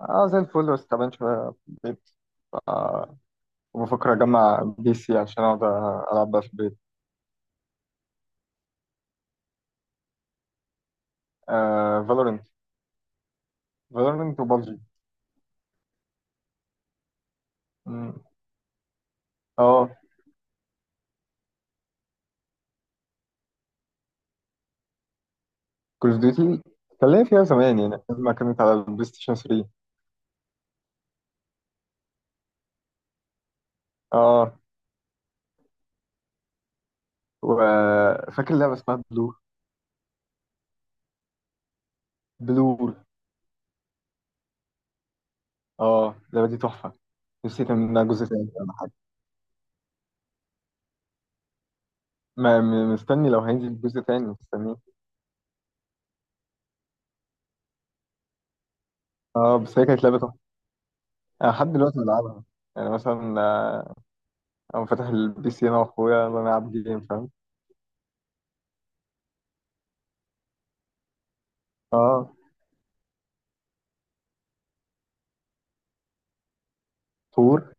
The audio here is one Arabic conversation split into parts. اه، زي الفل بس تعبان شوية في البيت. ف- وبفكر أجمع بي سي عشان أقعد ألعب بقى في البيت. آه، فالورنت. فالورنت وبابجي. مم. اه، كول اوف ديوتي كان ليا فيها زمان، يعني لما كانت على البلاي ستيشن 3. اه، وفاكر لعبة اسمها بلور. بلور. اه، اللعبة دي تحفة. نفسي يتعمل منها جزء تاني ولا حاجة. ما م- مستني، لو هينزل جزء تاني مستنيه. اه بس هي كانت لعبة تحفة. أنا لحد دلوقتي بلعبها، يعني مثلا أنا فاتح البي سي أنا وأخويا، يلا نلعب جيم، فاهم. اه، فور.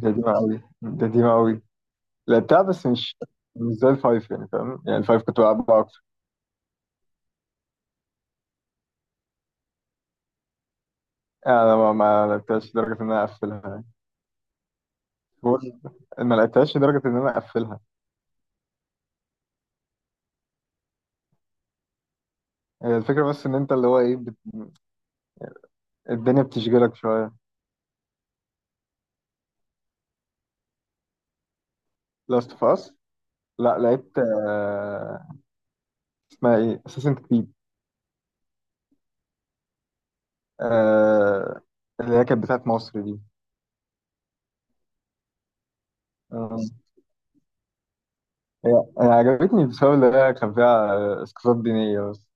دي قوي. دي قوي. لعبتها بس مش زي الفايف، يعني فاهم، يعني الفايف كنت بلعبها اكتر. يعني انا ما لعبتهاش لدرجه ان انا اقفلها، يعني فور. ما لعبتهاش لدرجه ان انا اقفلها. هي الفكره بس ان انت اللي هو ايه الدنيا بتشغلك شويه. لاست اوف اس؟ لا، لعبت اسمها ايه، اساسن كريد. آه... اللي هي كانت بتاعت مصر دي. آه، هي هي عجبتني بسبب اللي هي كان فيها اسقاطات دينيه بس.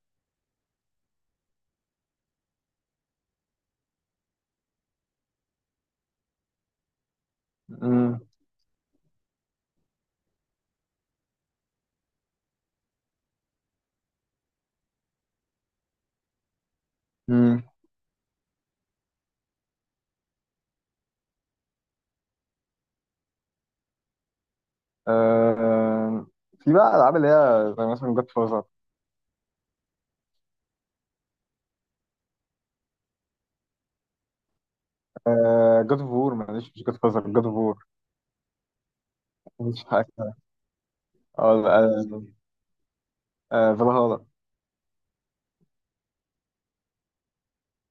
امم. آه في بقى العاب اللي هي زي مثلا جود فازر. جود اوف وور، معلش، مش جود فازر، جود اوف وور. مش حاجه، اه. آه، فالهالا.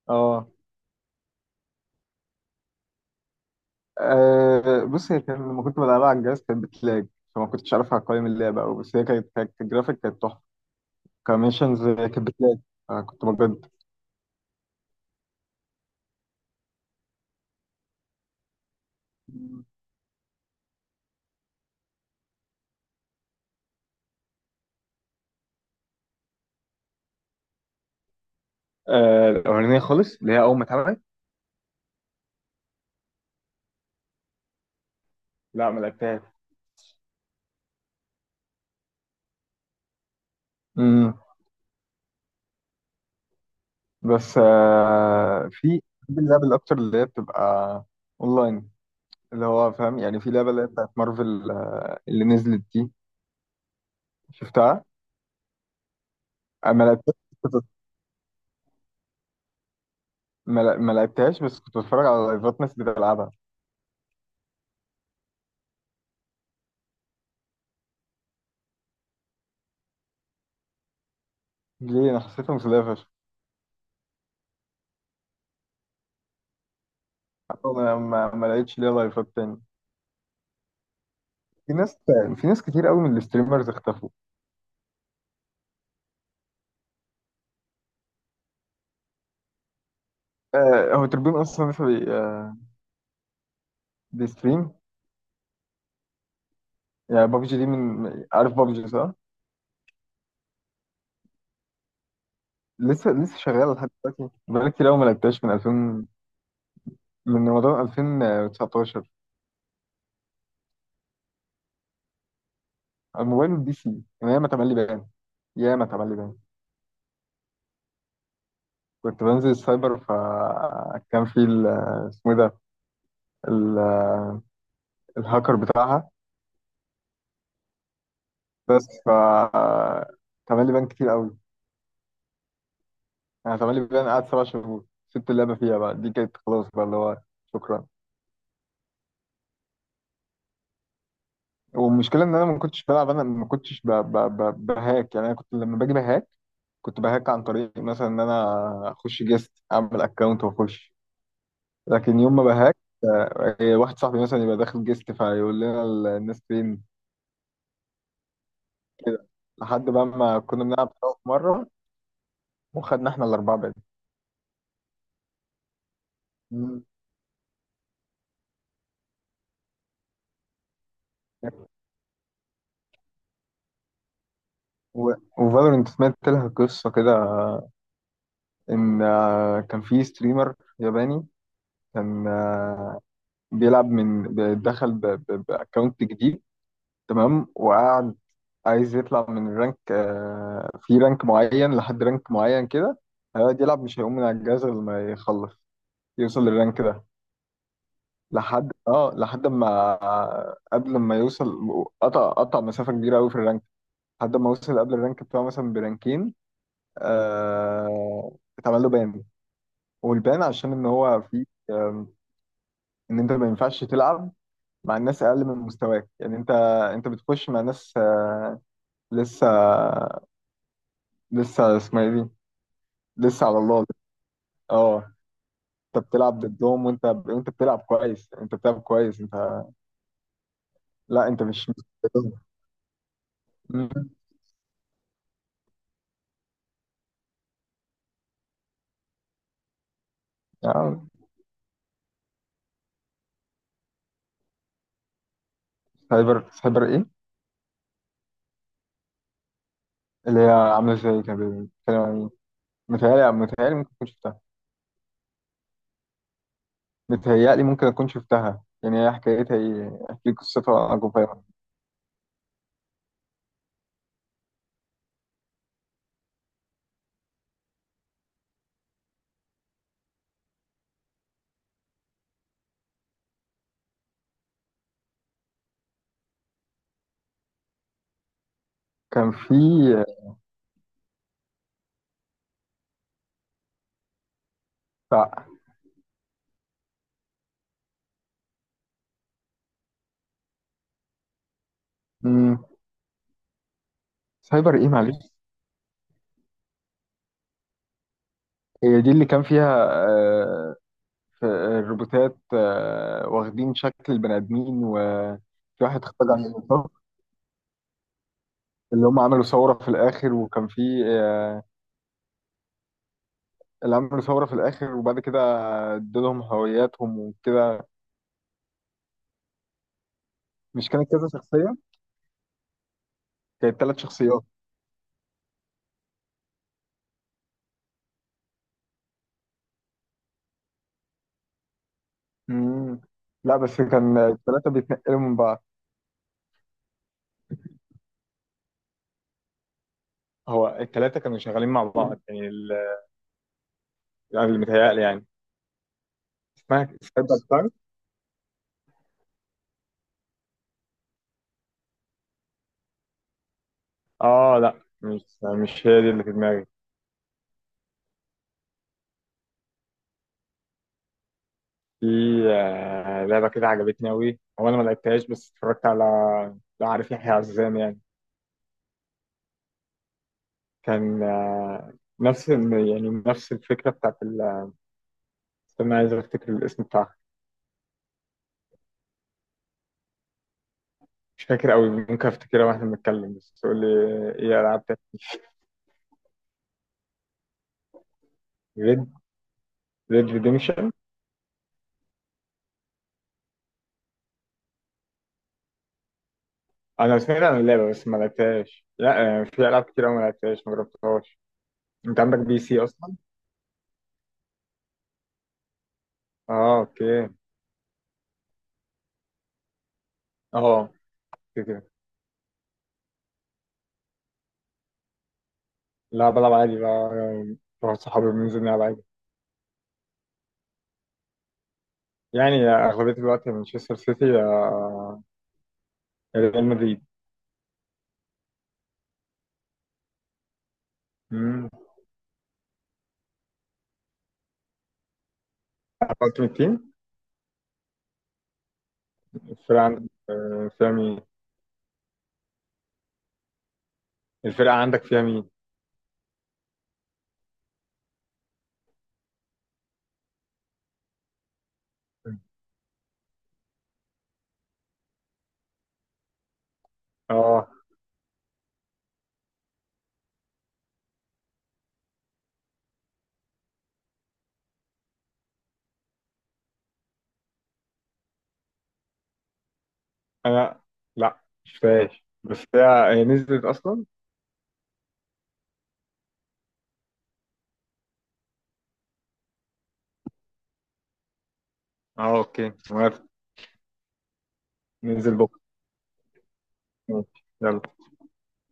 اه بص، هي كان لما كنت بلعبها على الجهاز كانت بتلاج، فما كنتش عارفها، قوائم اللعبه أوي، بس هي كانت الجرافيك كانت تحفه. كميشنز كانت بتلاج، فكنت بجد. الأولانية خالص اللي هي أول ما اتعملت. لا، ما لعبتهاش. امم. بس في بحب اللعب الأكتر اللي هي بتبقى أونلاين، اللي هو فاهم يعني، في لعبة اللي هي بتاعت مارفل اللي نزلت دي. شفتها؟ أنا ما لعبتهاش. كنت- ما لعبتهاش بس كنت بتفرج على لايفات ناس بتلعبها. ليه، أنا حسيتها مسلية فشخ. حتى أنا ما لقيتش ليها لايفات تاني. في ناس في ناس كتير قوي من الستريمرز اختفوا. هو تربين أصلا لسه بيستريم. يعني بابجي دي من، عارف بابجي صح؟ لسه لسه شغالة لحد دلوقتي، بقالي كتير قوي ما لعبتهاش من رمضان 2019. على الموبايل والبي سي، يعني ياما تملي بيان، ياما تملي بيان. كنت بنزل السايبر فكان في اسمه إيه ده، ال- الهاكر بتاعها، بس ف. اتعمل لي بان كتير قوي. انا اتعمل لي بان قعد 7 شهور، سبت اللعبه فيها بقى، دي كانت خلاص بقى اللي هو شكرا. والمشكله ان انا ما كنتش بلعب، انا ما كنتش بهاك، يعني انا كنت لما باجي بهاك، كنت بهاك عن طريق مثلا ان انا اخش جيست، اعمل اكونت واخش. لكن يوم ما بهاك، واحد صاحبي مثلا يبقى داخل جيست فيقول لنا الناس فين، كده، لحد بقى ما كنا بنلعب سوا في مرة وخدنا احنا الأربعة بعيد. مم. و... وفالورنت سمعت لها قصة كده، إن كان في ستريمر ياباني، كان بيلعب، دخل بأكونت جديد، تمام، وقعد عايز يطلع من الرانك، في رانك معين لحد رانك معين كده، هيقعد يلعب، مش هيقوم من على الجهاز غير لما يخلص يوصل للرانك ده. لحد ما قبل ما يوصل، قطع مسافة كبيرة قوي في الرانك، لحد ما وصل قبل الرانك بتاعه مثلا برانكين، آه، اتعمل له بان. والبان عشان ان هو في ان انت ما ينفعش تلعب مع الناس اقل من مستواك، يعني انت انت بتخش مع ناس لسه، لسه اسمها ايه دي، لسه على الله. اه، انت بتلعب ضدهم، وانت بتلعب كويس، انت بتلعب كويس، انت. لا، انت مش ضدهم. مم. آه، سايبر ايه؟ اللي هي عامله ازاي؟ كانت بتتكلم عن إيه؟ متهيألي ممكن تكون شفتها. بتهيألي ممكن أكون شفتها، يعني هي حكايتها إيه؟ أحكي لك قصتها جوفاء. كان في بتاع، مم. سايبر إيه، معلش؟ هي دي اللي كان فيها في الروبوتات، واخدين شكل البني آدمين، وفي واحد اخترع الروبوتات اللي هم عملوا ثورة في الآخر، وكان في آه، اللي عملوا ثورة في الآخر، وبعد كده ادولهم هوياتهم وكده. مش كانت كذا شخصية؟ كانت 3 شخصيات. مم. لا، بس كان الثلاثة بيتنقلوا من بعض. هو الثلاثة كانوا شغالين مع بعض، يعني يعني اللي متهيألي يعني، اسمها سايد باي سايد. اه، لا، مش هي دي اللي في دماغي. في لعبة كده عجبتني أوي، هو أنا ما لعبتهاش بس اتفرجت على، لا عارف يحيى عزام يعني، كان نفس يعني نفس الفكرة بتاعت استنى، عايز أفتكر الاسم بتاعها. مش فاكر أوي، ممكن أفتكرها وإحنا بنتكلم، بس تقول لي إيه ألعاب تاني. ريد ريد ريديمشن. أنا سمعت عن اللعبة بس ما لعبتهاش، لا في ألعاب كتير أوي ما لعبتهاش، ما جربتهاش. انت عندك بي سي اصلا؟ اه، اوكي. اه، كده كده. لا، بلعب عادي بقى، يعني مع صحابي بننزل نلعب عادي. يعني اغلبيه الوقت مانشستر سيتي، ريال مدريد. امم. قلت من التيم، الفرقه عندك فيها مين؟ الفرقه عندك فيها مين؟ اه، انا، لا، مش فاهم، بس هي نزلت اصلا. اه، اوكي، موافق. ننزل بكره. ماشي. يلا